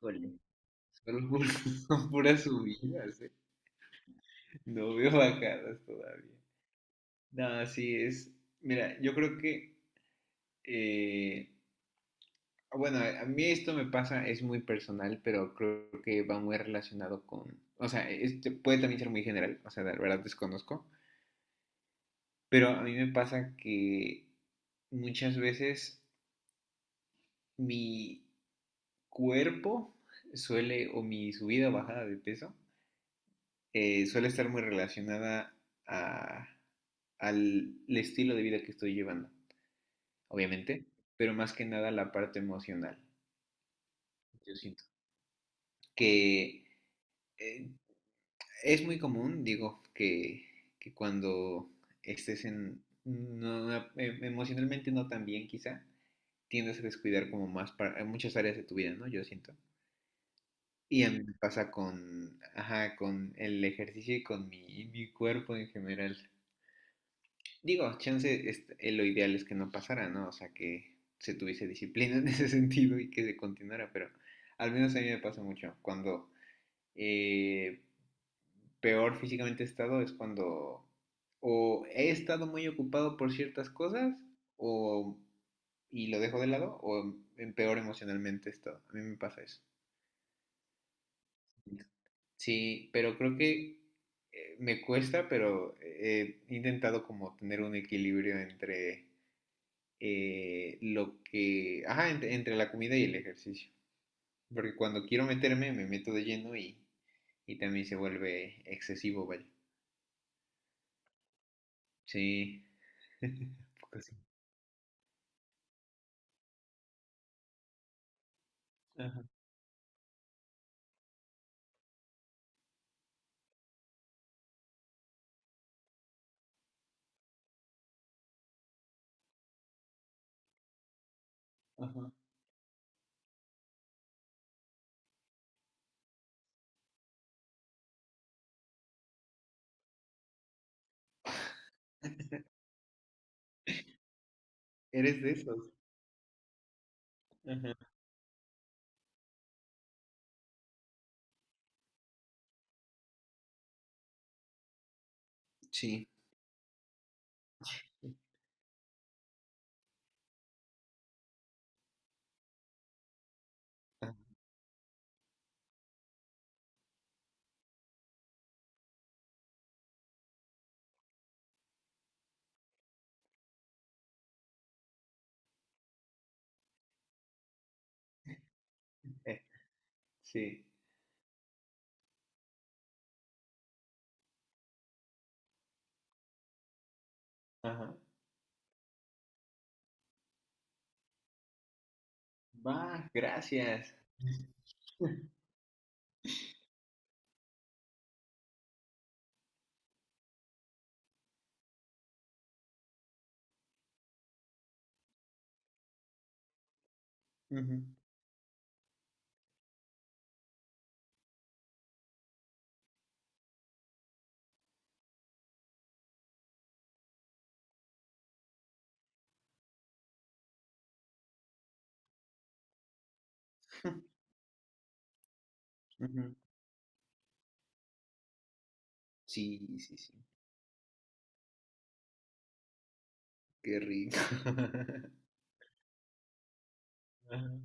Híjole. Son, son puras subidas, ¿eh? No veo bajadas todavía. No, sí, es. Mira, yo creo que. eh, bueno, a mí esto me pasa, es muy personal, pero creo que va muy relacionado con. O sea, este puede también ser muy general, o sea, la verdad desconozco. Pero a mí me pasa que muchas veces mi cuerpo suele, o mi subida o bajada de peso, suele estar muy relacionada a- al estilo de vida que estoy llevando, obviamente, pero más que nada la parte emocional, yo siento. Que eh, es muy común, digo, que cuando estés en, emocionalmente no tan bien quizá, tiendes a descuidar como más para, muchas áreas de tu vida, ¿no? Yo siento. Y a mí me pasa con, ajá, con el ejercicio y con mi cuerpo en general. Digo, chance, lo ideal es que no pasara, ¿no? O sea, que se tuviese disciplina en ese sentido y que se continuara, pero al menos a mí me pasa mucho. Cuando eh, peor físicamente he estado es cuando o he estado muy ocupado por ciertas cosas o y lo dejo de lado o en peor emocionalmente he estado. A mí me pasa eso. Sí, pero creo que me cuesta, pero he intentado como tener un equilibrio entre lo que... Ajá, entre la comida y el ejercicio. Porque cuando quiero meterme, me meto de lleno y también se vuelve excesivo, vaya. Sí. Un poco sí. Ajá, ajá, ¿eres de esos? Ajá. Sí. Ah, eh, sí. Ajá. Va, gracias. Ujú, ujú, sí, sí, sí. Qué rico. Ajá,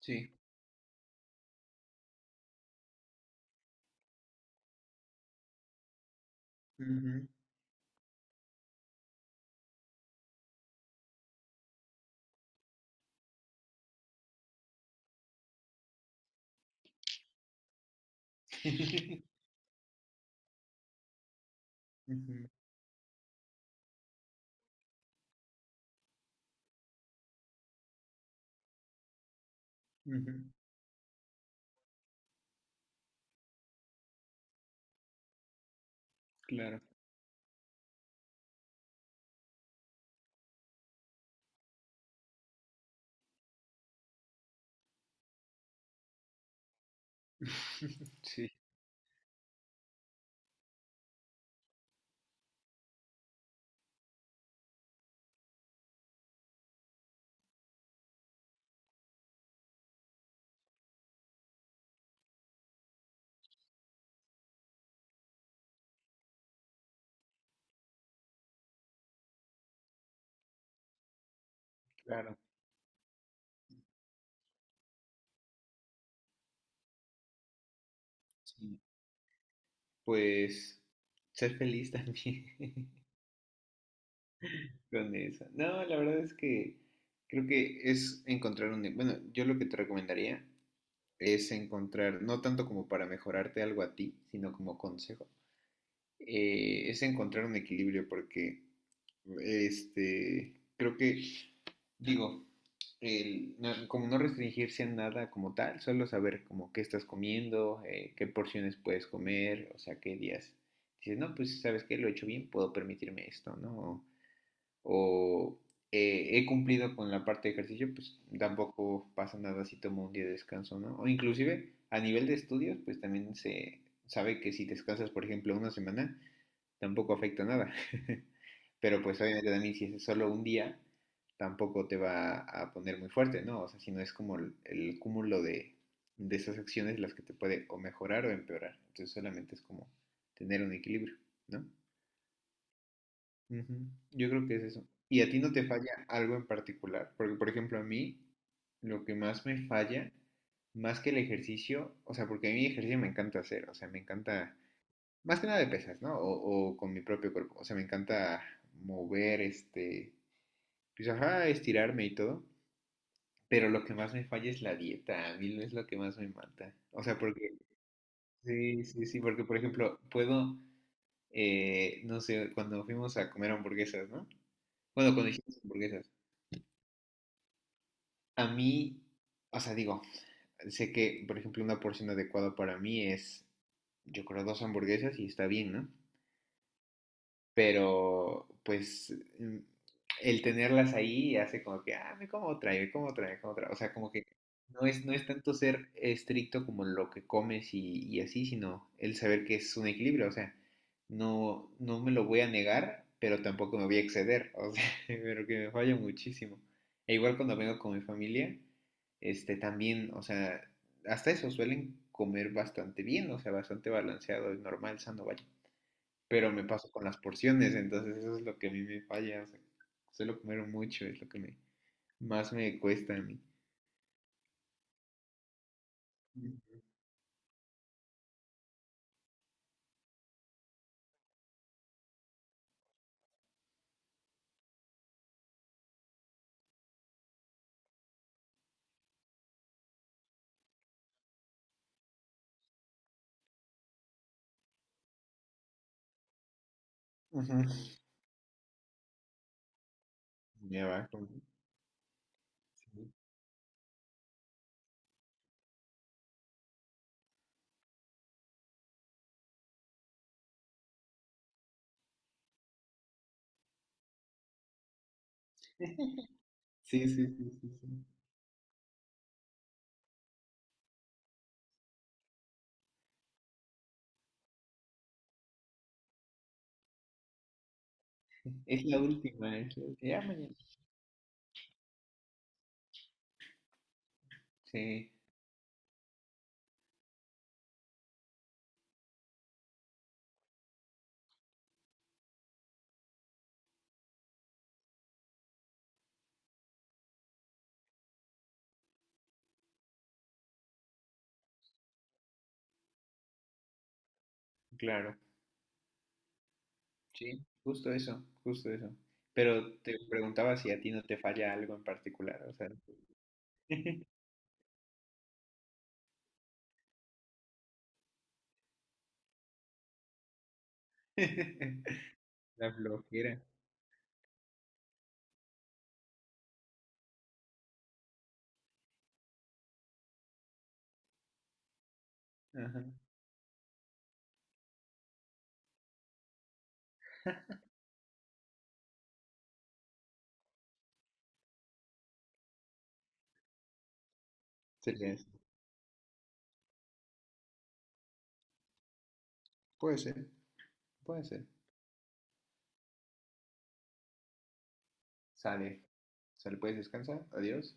sí. Ujú, ujú, ujú, claro. Sí, claro. Sí. Pues ser feliz también con eso. No, la verdad es que creo que es encontrar un... Bueno, yo lo que te recomendaría es encontrar, no tanto como para mejorarte algo a ti, sino como consejo, es encontrar un equilibrio porque este, creo que digo, el, como no restringirse a nada como tal, solo saber como qué estás comiendo, qué porciones puedes comer, o sea, qué días. Dices, no, pues sabes que lo he hecho bien, puedo permitirme esto, ¿no? O he cumplido con la parte de ejercicio, pues tampoco pasa nada si tomo un día de descanso, ¿no? O inclusive a nivel de estudios, pues también se sabe que si descansas, por ejemplo, una semana, tampoco afecta nada. Pero pues obviamente también si es solo un día, tampoco te va a poner muy fuerte, ¿no? O sea, si no es como el cúmulo de esas acciones las que te puede o mejorar o empeorar. Entonces solamente es como tener un equilibrio, ¿no? Ujú. Yo creo que es eso. ¿Y a ti no te falla algo en particular? Porque, por ejemplo, a mí lo que más me falla, más que el ejercicio, o sea, porque a mí el ejercicio me encanta hacer, o sea, me encanta más que nada de pesas, ¿no? O con mi propio cuerpo. O sea, me encanta mover, este, pues ajá, estirarme y todo. Pero lo que más me falla es la dieta. A mí no es lo que más me mata. O sea, porque, sí, sí, sí, porque por ejemplo, no sé, cuando fuimos a comer hamburguesas, ¿no? Bueno, cuando hicimos hamburguesas, a mí, o sea, digo, sé que, por ejemplo, una porción adecuada para mí es, yo creo, dos hamburguesas y está bien, ¿no? Pero pues mm, el tenerlas ahí hace como que, ah, me como otra, y me como otra, me como otra. O sea, como que no es tanto ser estricto como lo que comes y así, sino el saber que es un equilibrio. O sea, no, no me lo voy a negar, pero tampoco me voy a exceder. O sea, pero que me falla muchísimo. E igual cuando vengo con mi familia, este también, o sea, hasta eso suelen comer bastante bien, o sea, bastante balanceado y normal, sano, vaya, pero me paso con las porciones, entonces eso es lo que a mí me falla, o sea, suelo comer mucho, es lo que más me cuesta a mí. Ujú. Me abajo. ¿No? Sí, sí, sí, sí, sí. Sí. Es la última, es la última. Ya mañana. Sí, claro. Sí, justo eso, justo eso. Pero te preguntaba si a ti no te falla algo en particular, o sea, la flojera. Ajá. Se le hace. Puede ser, puede ser. Sale. Sale, puedes descansar. Adiós.